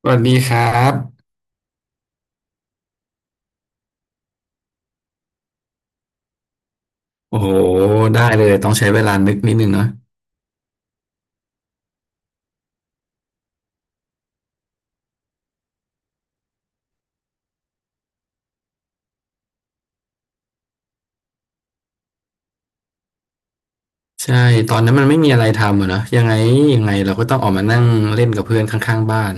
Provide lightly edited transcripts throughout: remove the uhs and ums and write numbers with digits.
สวัสดีครับโอ้โหได้เลยต้องใช้เวลานึกนิดนึงเนาะใช่ตอนนั้นมันไม่มีอะไรทำอะเนาะยังไงเราก็ต้องออกมานั่งเล่นกับเพื่อนข้างๆบ้าน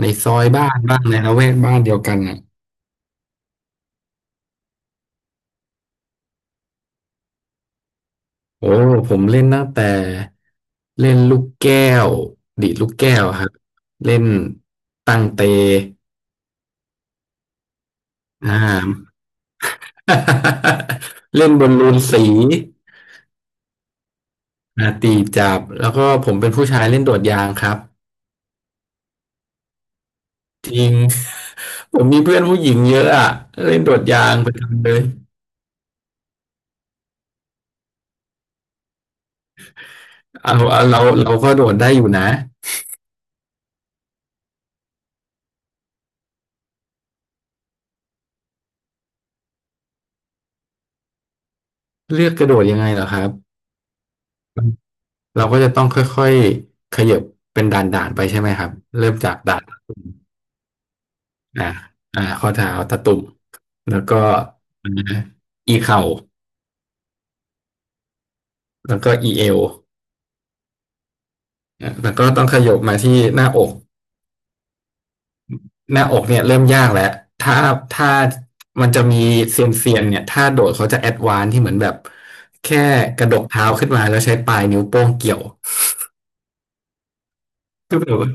ในซอยบ้านบ้างในละแวกบ้านเดียวกันอ่ะโอ้ผมเล่นตั้งแต่เล่นลูกแก้วดีดลูกแก้วอะครับเล่นตั้งเตอ่า เล่นบอลลูนสีอ่าตีจับแล้วก็ผมเป็นผู้ชายเล่นโดดยางครับจริง ผมมีเพื่อนผู้หญิงเยอะอะเล่นโดดยางประจำเลยเอาเอาเราก็โดดได้อยู่นะเลือกกระโดดยังไงเหรอครับเราก็จะต้องค่อยๆขยับเป็นด่านๆไปใช่ไหมครับเริ่มจากด่านตะตุ่มอ่าอ่าข้อเท้าตะตุ่มแล้วก็อาอีเข่าแล้วก็อีเอวอ่ะแล้วก็ต้องขยับมาที่หน้าอก หน้าอกเนี่ยเริ่มยากแล้วถ้าถ้ามันจะมีเซียนเนี่ยถ้าโดดเขาจะแอดวานซ์ที่เหมือนแบบแค่กระดกเท้าขึ้นมาแล้วใช้ปลายนิ้วโป้งเกี่ยวคือแบบว่า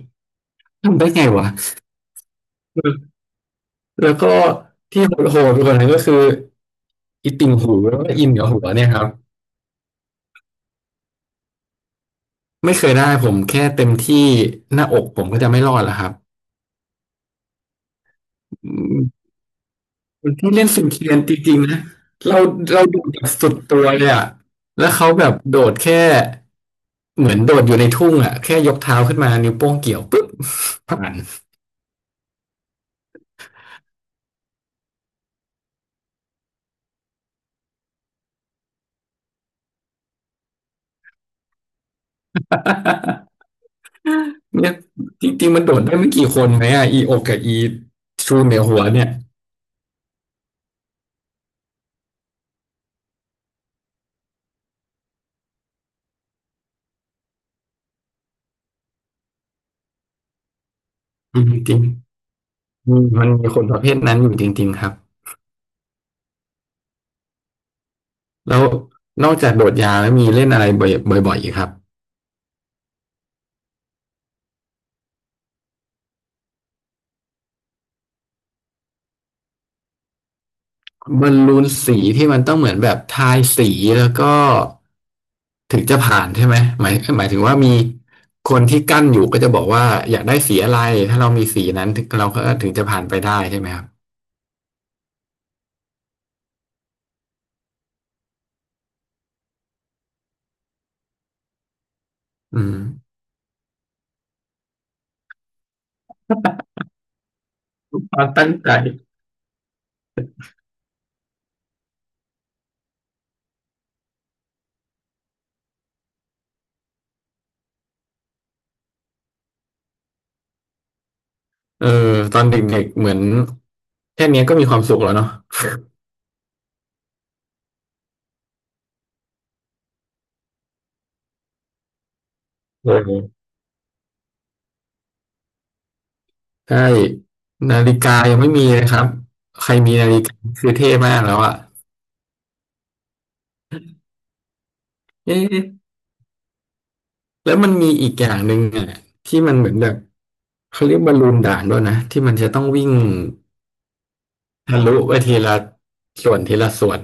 ทำได้ไงวะแล้วก็ที่โหดๆไปกว่านั้นก็คืออีติ่งหูแล้วก็อินกับหัวเนี่ยครับไม่เคยได้ผมแค่เต็มที่หน้าอกผมก็จะไม่รอดแล้วครับอืมคนที่เล่นสุนเคียนจริงๆนะเราเราโดดแบบสุดตัวเลยอะแล้วเขาแบบโดดแค่ เหมือนโดดอยู่ในทุ่งอ่ะแค่ยกเท้าขึ้นมานิ้วโป้งเกี่ยวปุ๊บผ่าน เนี่ยจริงๆมันโดดได้ไม่กี่คนไหมอ่ะอีโอกกับอีชูเหนือหัวเนี่ยอืมจริงๆอืมมันมีคนประเภทนั้นอยู่จริงๆครับแล้วนอกจากโดดยาวแล้วมีเล่นอะไรบ่อยๆอีกครับบอลลูนสีที่มันต้องเหมือนแบบทายสีแล้วก็ถึงจะผ่านใช่ไหมหมายถึงว่ามีคนที่กั้นอยู่ก็จะบอกว่าอยากได้สีอะไรถ้าเรามีสีนั้นถึงเราก็จะผ่านไปได้ใช่ไหมครับ อืมความตั้งใจเออตอนเด็กๆเหมือนแค่เนี้ยก็มีความสุขแล้วเนาะเออใช่นาฬิกายังไม่มีเลยครับ ใครมีนาฬิกาคือเท่มากแล้วอะเอ๊ะแล้วมันมีอีกอย่างหนึ่งอะที่มันเหมือนแบบเขาเรียกบอลลูนด่านด้วยนะที่มันจะต้องวิ่งทะลุไปทีละส่วน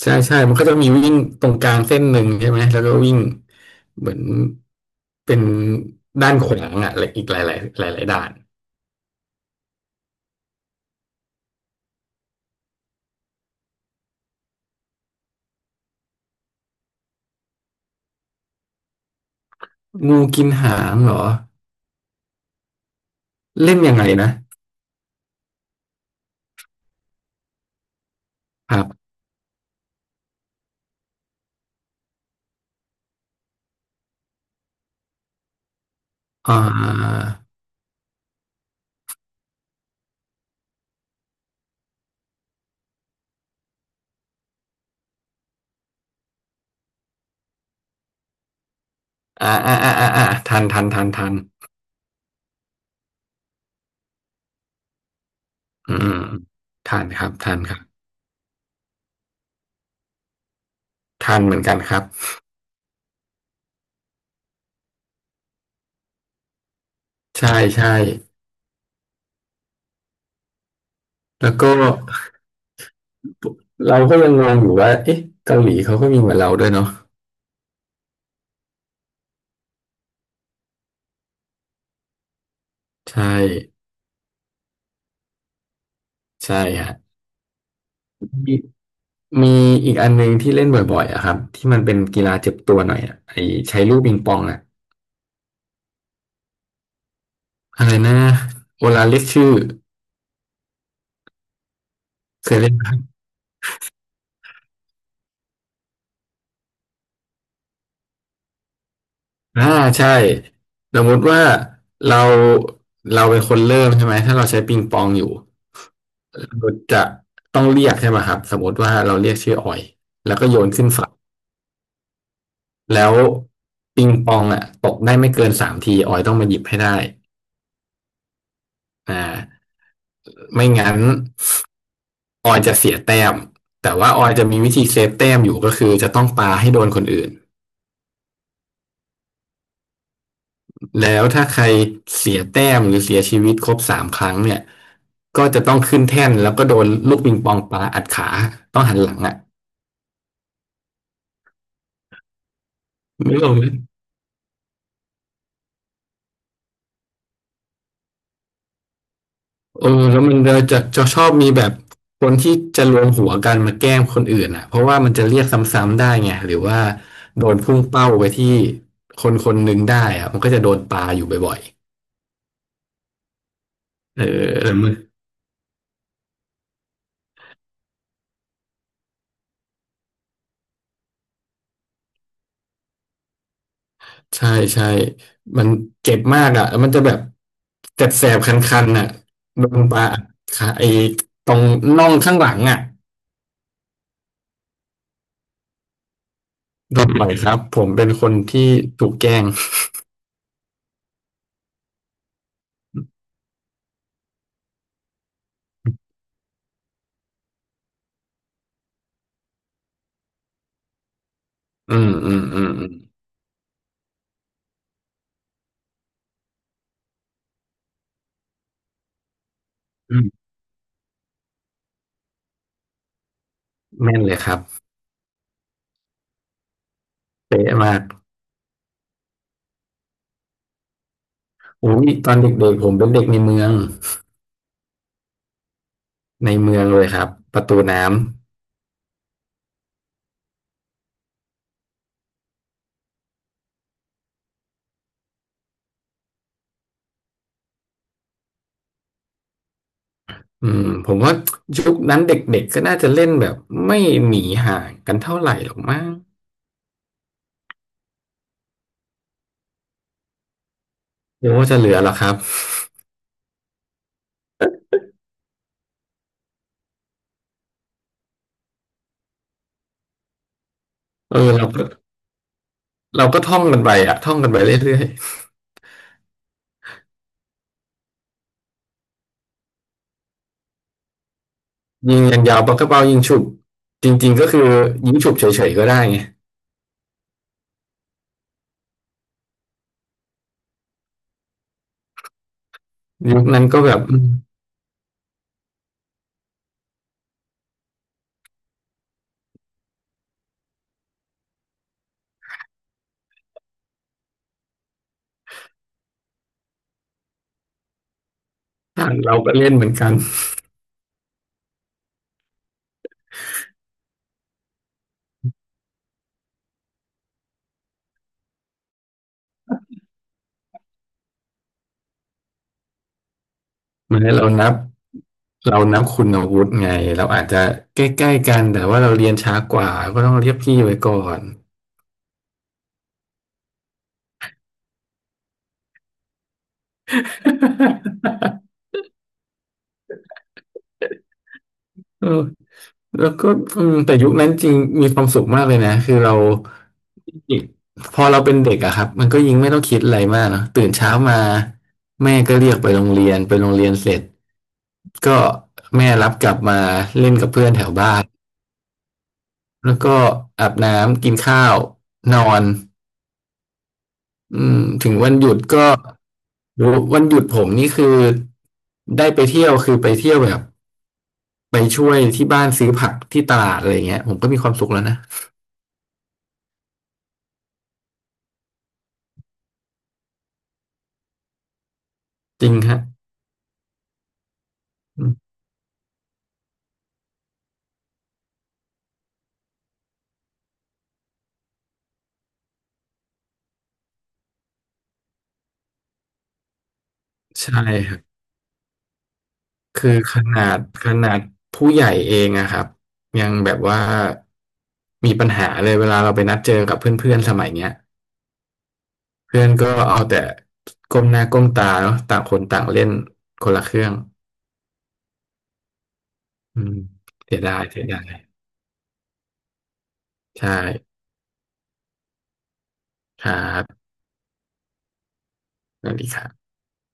ใช่ใช่มันก็จะมีวิ่งตรงกลางเส้นหนึ่งใช่ไหม แล้วก็วิ่งเหมือนเป็นด้านขวางอ่ะและอีกหลายหลายหลายหลายๆด่านงูกินหางเหรอเล่นยังไงนะครับอ่าอ่าทันอืมทันครับทันเหมือนกันครับใช่ใช่แล้วก็เราก็ยังงงอยู่ว่าเอ๊ะเกาหลีเขาก็มีเหมือนเราด้วยเนาะใช่ใช่ฮะ มีอีกอันหนึงที่เล่นบ่อยๆอะครับที่มันเป็นกีฬาเจ็บตัวหน่อยอะไอใช้ลูกปิงปองอะอะไรนะโอลาเรียกชื่อเคยเล่นไหมอ่าใช่สมมติว่าเราเราเป็นคนเริ่มใช่ไหมถ้าเราใช้ปิงปองอยู่เราจะต้องเรียกใช่ไหมครับสมมติว่าเราเรียกชื่อออยแล้วก็โยนขึ้นฝั่งแล้วปิงปองอะตกได้ไม่เกินสามทีออยต้องมาหยิบให้ได้อ่าไม่งั้น ออยจะเสียแต้มแต่ว่าออยจะมีวิธีเซฟแต้มอยู่ก็คือจะต้องปาให้โดนคนอื่นแล้วถ้าใครเสียแต้มหรือเสียชีวิตครบสามครั้งเนี่ยก็จะต้องขึ้นแท่นแล้วก็โดนลูกปิงปองปาอัดขาต้องหันหลังอ่ะไม่รู้เลเออแล้วมันเราจะชอบมีแบบคนที่จะรวมหัวกันมาแกล้งคนอื่นอ่ะเพราะว่ามันจะเรียกซ้ำๆได้ไงหรือว่าโดนพุ่งเป้าไปที่คนคนหนึ่งได้อ่ะมันก็จะโดนปาอยู่บ่อยๆเออ ใช่ใช่มันเจ็บมากอ่ะแล้วมันจะแบบแสบๆคันๆน่ะโดนปลาอัดขาไอ้ตรงน่องข้างหลังอ่ะโดนบ่อยครับผมเป็นคนที่ถูกแกล้งอืมอืมอืมอืมอืมแม่นเลยครับเป๊ะมากอุ้ยตอนเด็กๆผมเป็นเด็กในเมืองในเมืองเลยครับประตูน้ำอืมผมว่ายุคนั้นเด็กๆก็น่าจะเล่นแบบไม่หนีห่างกันเท่าไหร่หรอกมั้งหรือว่าจะเหลือหรอครับเออเราก็ เราก็ท่องกันไปอะท่องกันไปเรื่อยๆยิงอย่างยาวปากกระเป๋ายิงฉุบจริงๆก็คือยิงฉุบเฉยๆก็ได้ไงยุคนั้นก็แบบถ้าเราก็เล่นเหมือนกันเหมือนเรานับคุณอาวุธไงเราอาจจะใกล้ๆกันแต่ว่าเราเรียนช้ากว่าก็ต้องเรียกพี่ไว้ก่อน เออ แล้วก็อืมแต่ยุคนั้นจริงมีความสุขมากเลยนะคือเราพอเราเป็นเด็กอะครับมันก็ยิ่งไม่ต้องคิดอะไรมากเนอะตื่นเช้ามาแม่ก็เรียกไปโรงเรียนไปโรงเรียนเสร็จก็แม่รับกลับมาเล่นกับเพื่อนแถวบ้านแล้วก็อาบน้ำกินข้าวนอนอืมถึงวันหยุดก็วันหยุดผมนี่คือได้ไปเที่ยวคือไปเที่ยวแบบไปช่วยที่บ้านซื้อผักที่ตลาดอะไรเงี้ยผมก็มีความสุขแล้วนะจริงฮะ ใช่ครับคือขนาดผู้ใหญ่เองอะครับยังแบบว่ามีปัญหาเลยเวลาเราไปนัดเจอกับเพื่อนๆสมัยเนี้ยเพื่อนก็เอาแต่ก้มหน้าก้มตาเนาะต่างคนต่างเล่นคนละเครื่องอืมเสียดายใช่ครับสวัสดีครับ